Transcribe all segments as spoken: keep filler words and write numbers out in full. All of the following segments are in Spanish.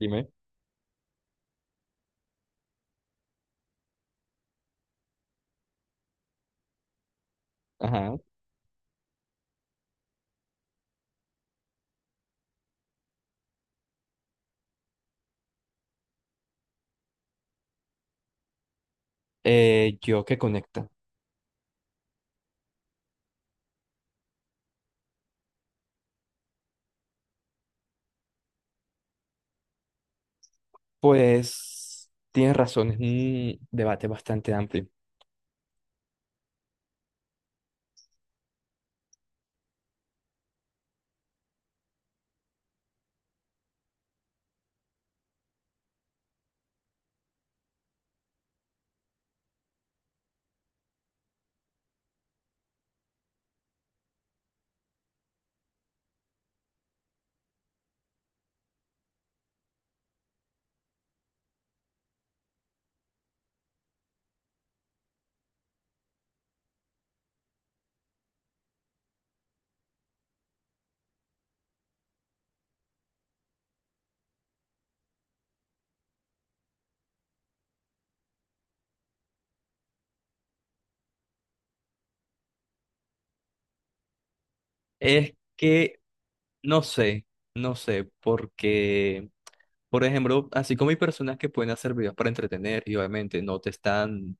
Dime. Ajá. Eh, yo que conecta. Pues tienes razón, es un debate bastante amplio. Es que no sé, no sé, porque, por ejemplo, así como hay personas que pueden hacer videos para entretener y obviamente no te están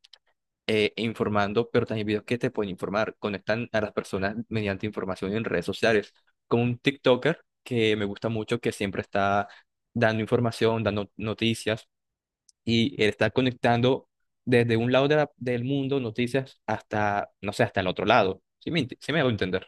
eh, informando, pero también hay videos que te pueden informar, conectan a las personas mediante información en redes sociales, como un TikToker que me gusta mucho, que siempre está dando información, dando noticias. Y él está conectando desde un lado de la- del mundo noticias hasta, no sé, hasta el otro lado. ¿Sí me, int- sí me hago entender?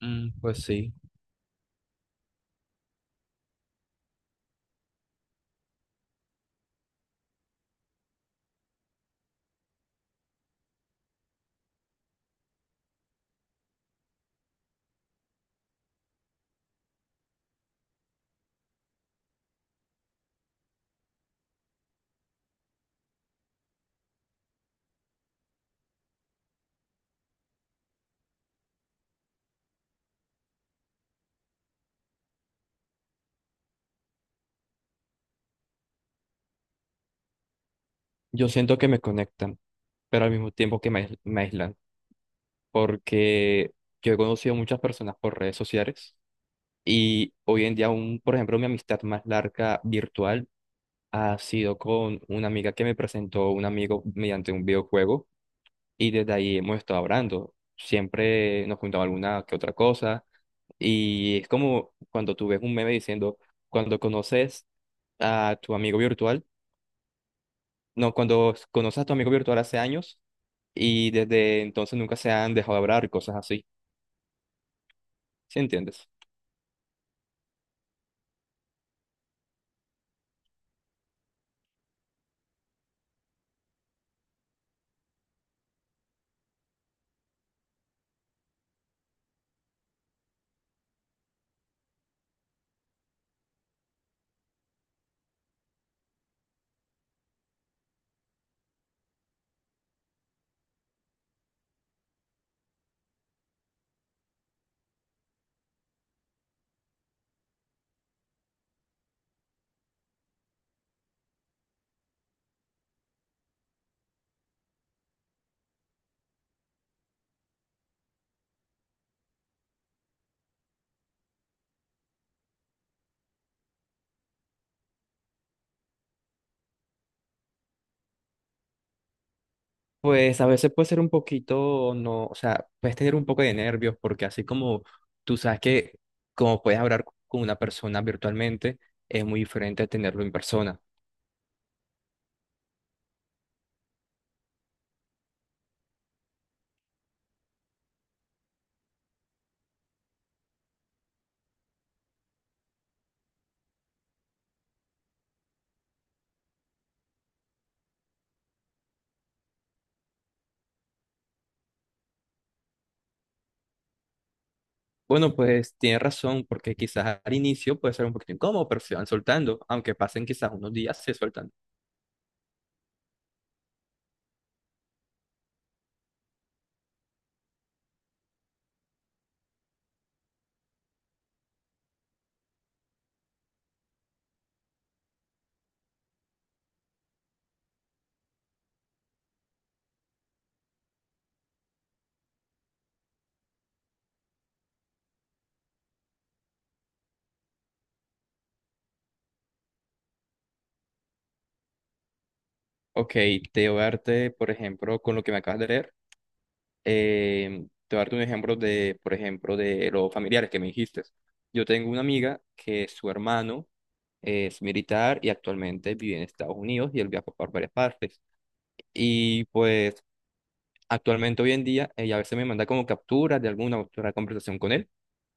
Mm, pues sí, yo siento que me conectan, pero al mismo tiempo que me, ais- me aíslan, porque yo he conocido muchas personas por redes sociales y hoy en día, un, por ejemplo, mi amistad más larga virtual ha sido con una amiga que me presentó un amigo mediante un videojuego y desde ahí hemos estado hablando. Siempre nos juntamos alguna que otra cosa y es como cuando tú ves un meme diciendo, cuando conoces a tu amigo virtual, no, cuando conoces a tu amigo virtual hace años y desde entonces nunca se han dejado de hablar y cosas así, ¿sí entiendes? Pues a veces puede ser un poquito, no, o sea, puedes tener un poco de nervios porque así como tú sabes que como puedes hablar con una persona virtualmente, es muy diferente a tenerlo en persona. Bueno, pues tiene razón, porque quizás al inicio puede ser un poquito incómodo, pero se van soltando, aunque pasen quizás unos días, se sueltan. Ok, te voy a darte, por ejemplo, con lo que me acabas de leer, eh, te voy a darte un ejemplo de, por ejemplo, de los familiares que me dijiste. Yo tengo una amiga que su hermano es militar y actualmente vive en Estados Unidos y él viaja por varias partes. Y pues actualmente hoy en día, ella a veces me manda como capturas de alguna otra conversación con él.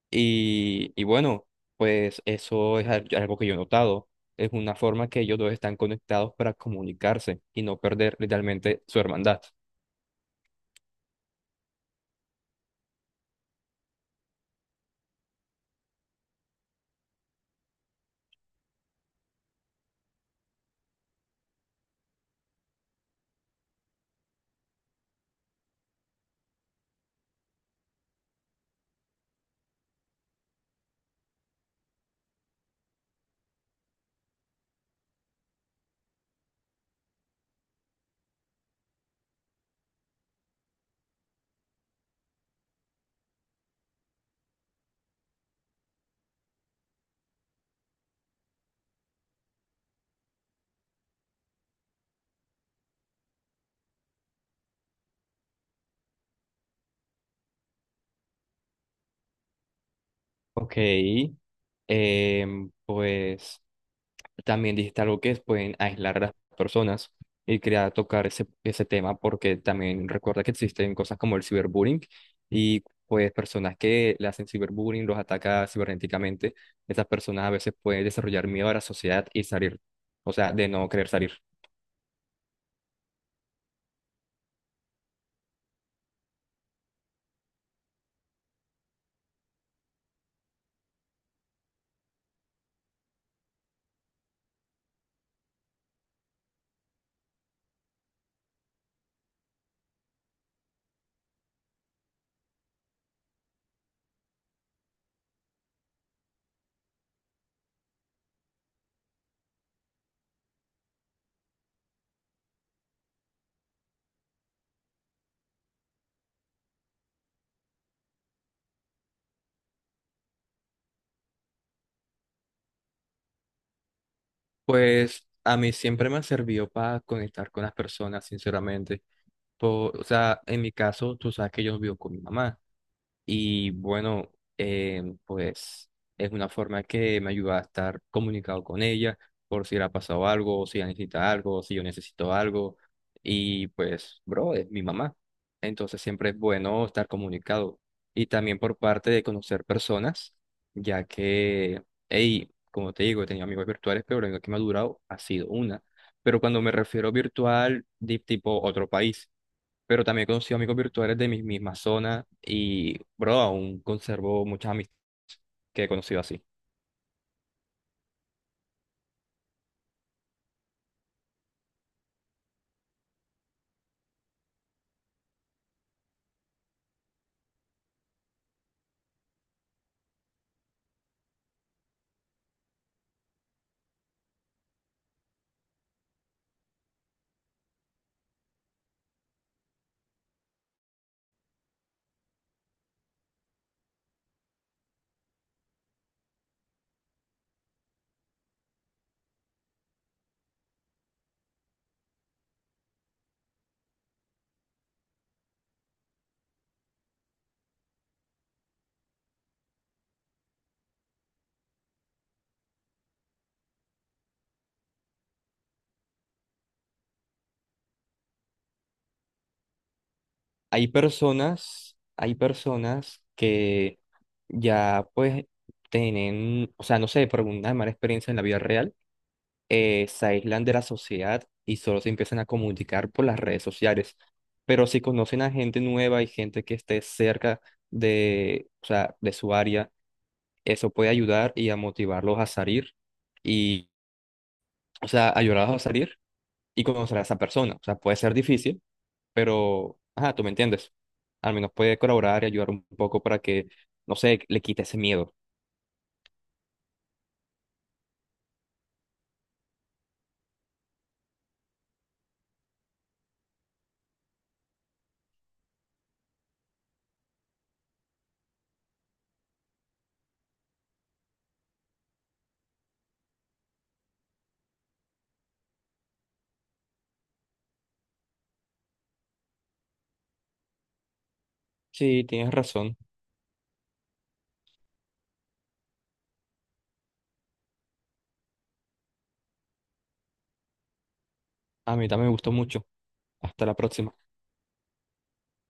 Y, y bueno, pues eso es al- algo que yo he notado. Es una forma que ellos dos están conectados para comunicarse y no perder literalmente su hermandad. Ok, em, pues también dijiste algo que es, pueden aislar a las personas y quería tocar ese, ese tema porque también recuerda que existen cosas como el ciberbullying y pues personas que le hacen ciberbullying, los ataca cibernéticamente, esas personas a veces pueden desarrollar miedo a la sociedad y salir, o sea, de no querer salir. Pues a mí siempre me sirvió para conectar con las personas, sinceramente. Po- o sea, en mi caso, tú sabes que yo vivo con mi mamá. Y bueno, eh, pues es una forma que me ayuda a estar comunicado con ella por si le ha pasado algo, o si ella necesita algo, o si yo necesito algo. Y pues, bro, es mi mamá. Entonces siempre es bueno estar comunicado. Y también por parte de conocer personas, ya que, hey, como te digo, he tenido amigos virtuales, pero la única que me ha durado ha sido una. Pero cuando me refiero virtual, de tipo otro país, pero también conocí amigos virtuales de mi misma zona y, bro, aún conservo muchas amistades que he conocido así. Hay personas, hay personas que ya pues tienen, o sea, no sé, por alguna mala experiencia en la vida real, eh, se aíslan de la sociedad y solo se empiezan a comunicar por las redes sociales. Pero si conocen a gente nueva y gente que esté cerca de, o sea, de su área, eso puede ayudar y a motivarlos a salir, o sea, ayudarlos a salir y conocer a esa persona. O sea, puede ser difícil, pero, ajá, tú me entiendes. Al menos puede colaborar y ayudar un poco para que, no sé, le quite ese miedo. Sí, tienes razón. A mí también me gustó mucho. Hasta la próxima.